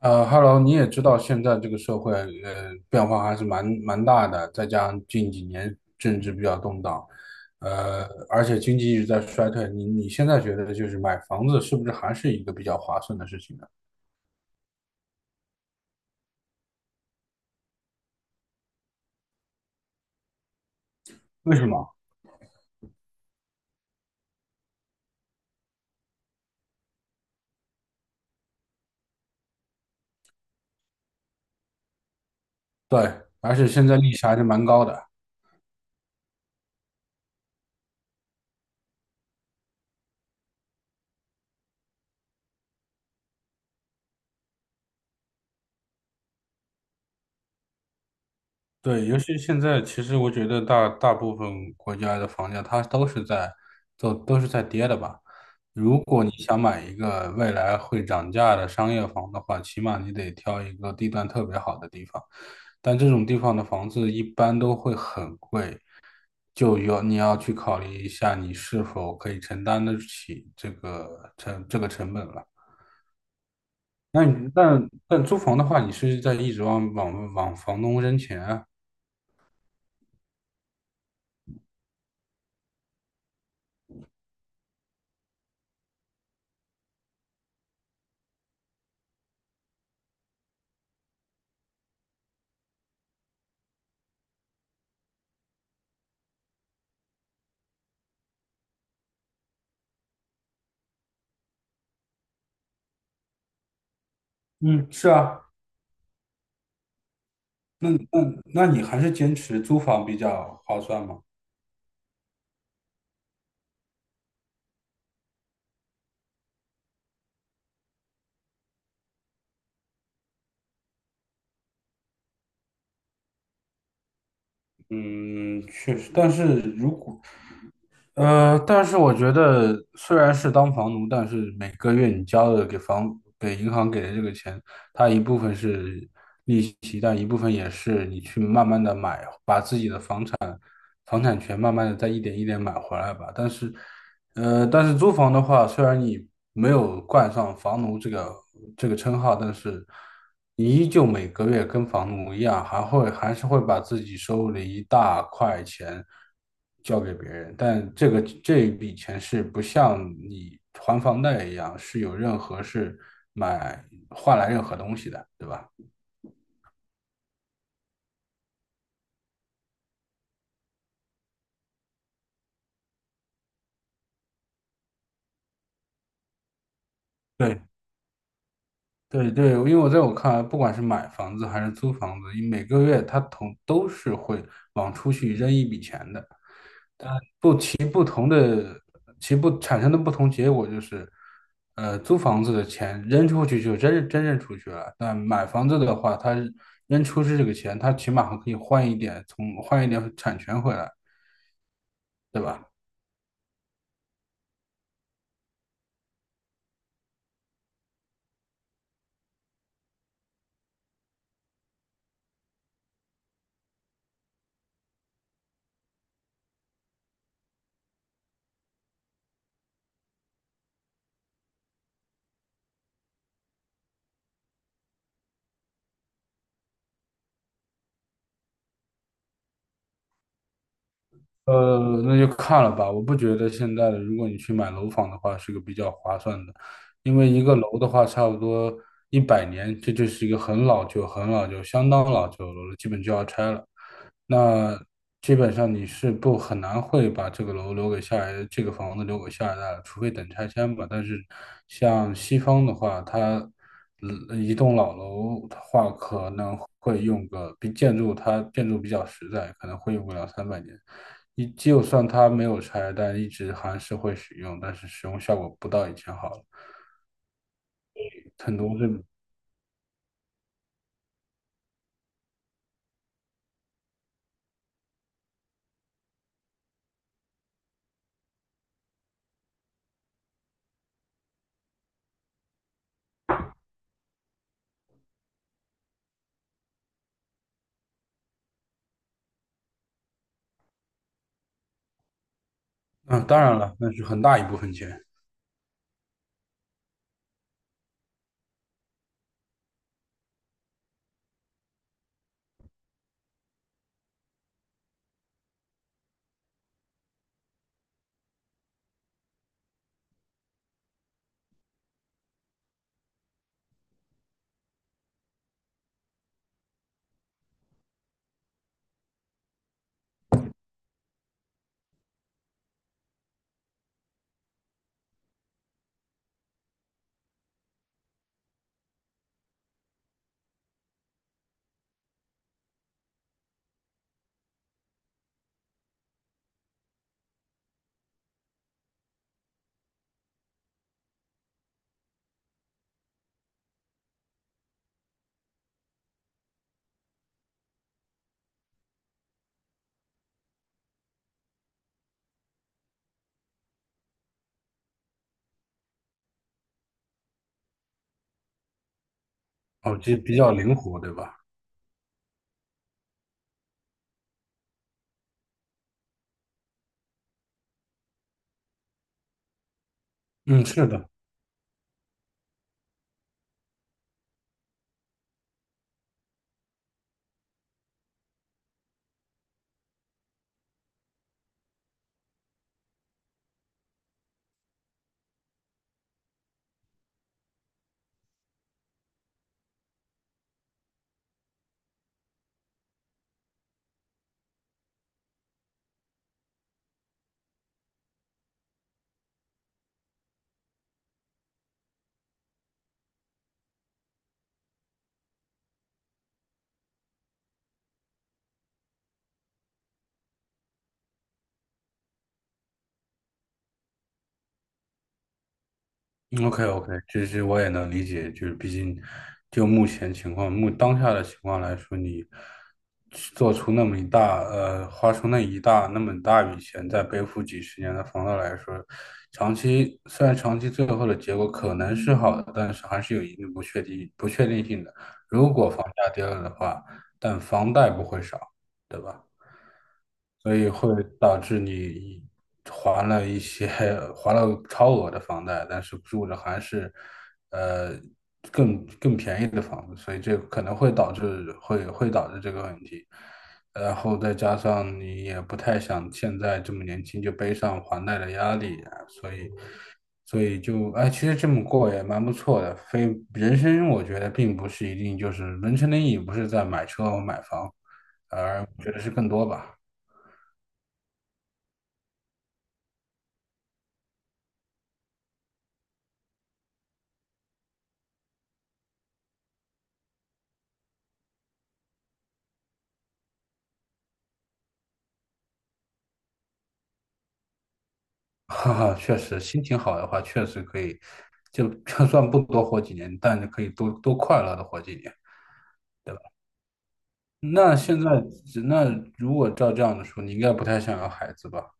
Hello，你也知道现在这个社会，变化还是蛮大的，再加上近几年政治比较动荡，呃，而且经济一直在衰退，你现在觉得就是买房子是不是还是一个比较划算的事情呢？为什么？对，而且现在利息还是蛮高的。对，尤其现在，其实我觉得大部分国家的房价它都是在跌的吧。如果你想买一个未来会涨价的商业房的话，起码你得挑一个地段特别好的地方，但这种地方的房子一般都会很贵，就有你要去考虑一下你是否可以承担得起这个成本了。那你但租房的话，你是在一直往房东扔钱啊？嗯，是啊。那那那你还是坚持租房比较划算吗？嗯，确实，但是我觉得虽然是当房奴，但是每个月你交的给银行给的这个钱，它一部分是利息，但一部分也是你去慢慢的买，把自己的房产权慢慢的再一点一点买回来吧。但是，但是租房的话，虽然你没有冠上房奴这个称号，但是你依旧每个月跟房奴一样，还是会把自己收入的一大块钱交给别人。但这一笔钱是不像你还房贷一样，是有任何是买换来任何东西的，对吧？对，对对，因为在我看来，不管是买房子还是租房子，每个月他同都是会往出去扔一笔钱的，但不同的其不产生的不同结果就是，租房子的钱扔出去就真扔出去了，但买房子的话，他扔出去这个钱，他起码还可以换一点，换一点产权回来，对吧？呃，那就看了吧。我不觉得现在的，如果你去买楼房的话，是个比较划算的，因为一个楼的话，差不多100年，这就是一个很老旧、很老旧、相当老旧的楼了，基本就要拆了。那基本上你是不很难会把这个楼留给这个房子留给下一代了，除非等拆迁吧。但是像西方的话，它一栋老楼的话，可能会用个比建筑它建筑比较实在，可能会用个两三百年。你就算它没有拆，但一直还是会使用，但是使用效果不到以前好了。很多这，嗯，当然了，那是很大一部分钱，哦，这比较灵活，对吧？嗯，是的。OK OK，这我也能理解，就是毕竟就目前情况，当下的情况来说，你去做出那么一大呃，花出那么大笔钱，再背负几十年的房贷来说，虽然长期最后的结果可能是好的，但是还是有一定不确定性的。如果房价跌了的话，但房贷不会少，对吧？所以会导致你还了一些还了超额的房贷，但是住着还是呃更便宜的房子，所以这可能会导致这个问题。然后再加上你也不太想现在这么年轻就背上还贷的压力啊，所以就哎，其实这么过也蛮不错的。非人生我觉得并不是一定，就是人生的意义不是在买车和买房，而我觉得是更多吧。哈哈，确实，心情好的话，确实可以，就算不多活几年，但是可以多多快乐的活几年。那现在，那如果照这样的说，你应该不太想要孩子吧？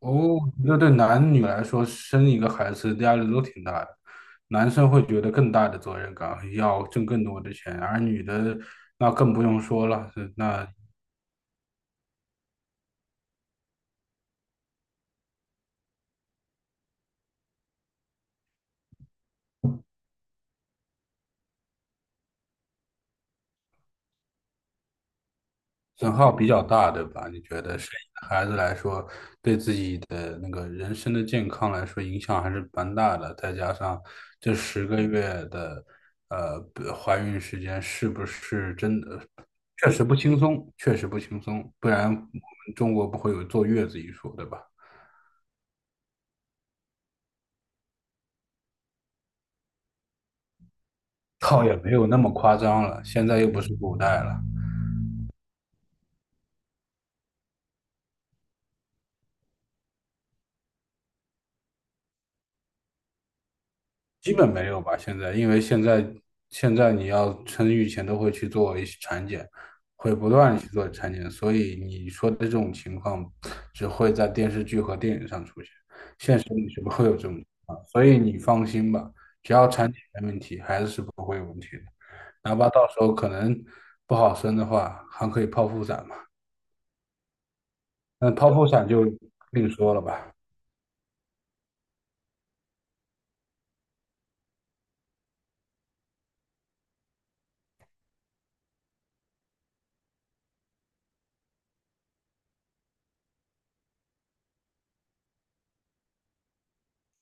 哦，那对男女来说，生一个孩子压力都挺大的。男生会觉得更大的责任感，要挣更多的钱，而女的那更不用说了，那损耗比较大，对吧？你觉得生孩子来说，对自己的那个人生的健康来说，影响还是蛮大的。再加上这10个月的呃不怀孕时间，是不是真的确实不轻松？确实不轻松，不然我们中国不会有坐月子一说，对吧？倒也没有那么夸张了，现在又不是古代了。基本没有吧，现在，因为现在你要生育前都会去做一些产检，会不断地去做产检，所以你说的这种情况只会在电视剧和电影上出现，现实里是不会有这种情况，所以你放心吧，只要产检没问题，孩子是不会有问题的，哪怕到时候可能不好生的话，还可以剖腹产嘛，那剖腹产就另说了吧。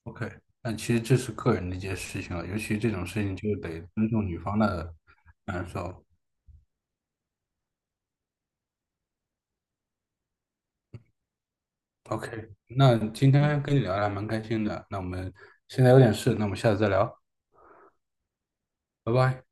OK，但其实这是个人的一件事情了，尤其这种事情就得尊重女方的感受。OK，那今天跟你聊的还蛮开心的，那我们现在有点事，那我们下次再聊，拜拜。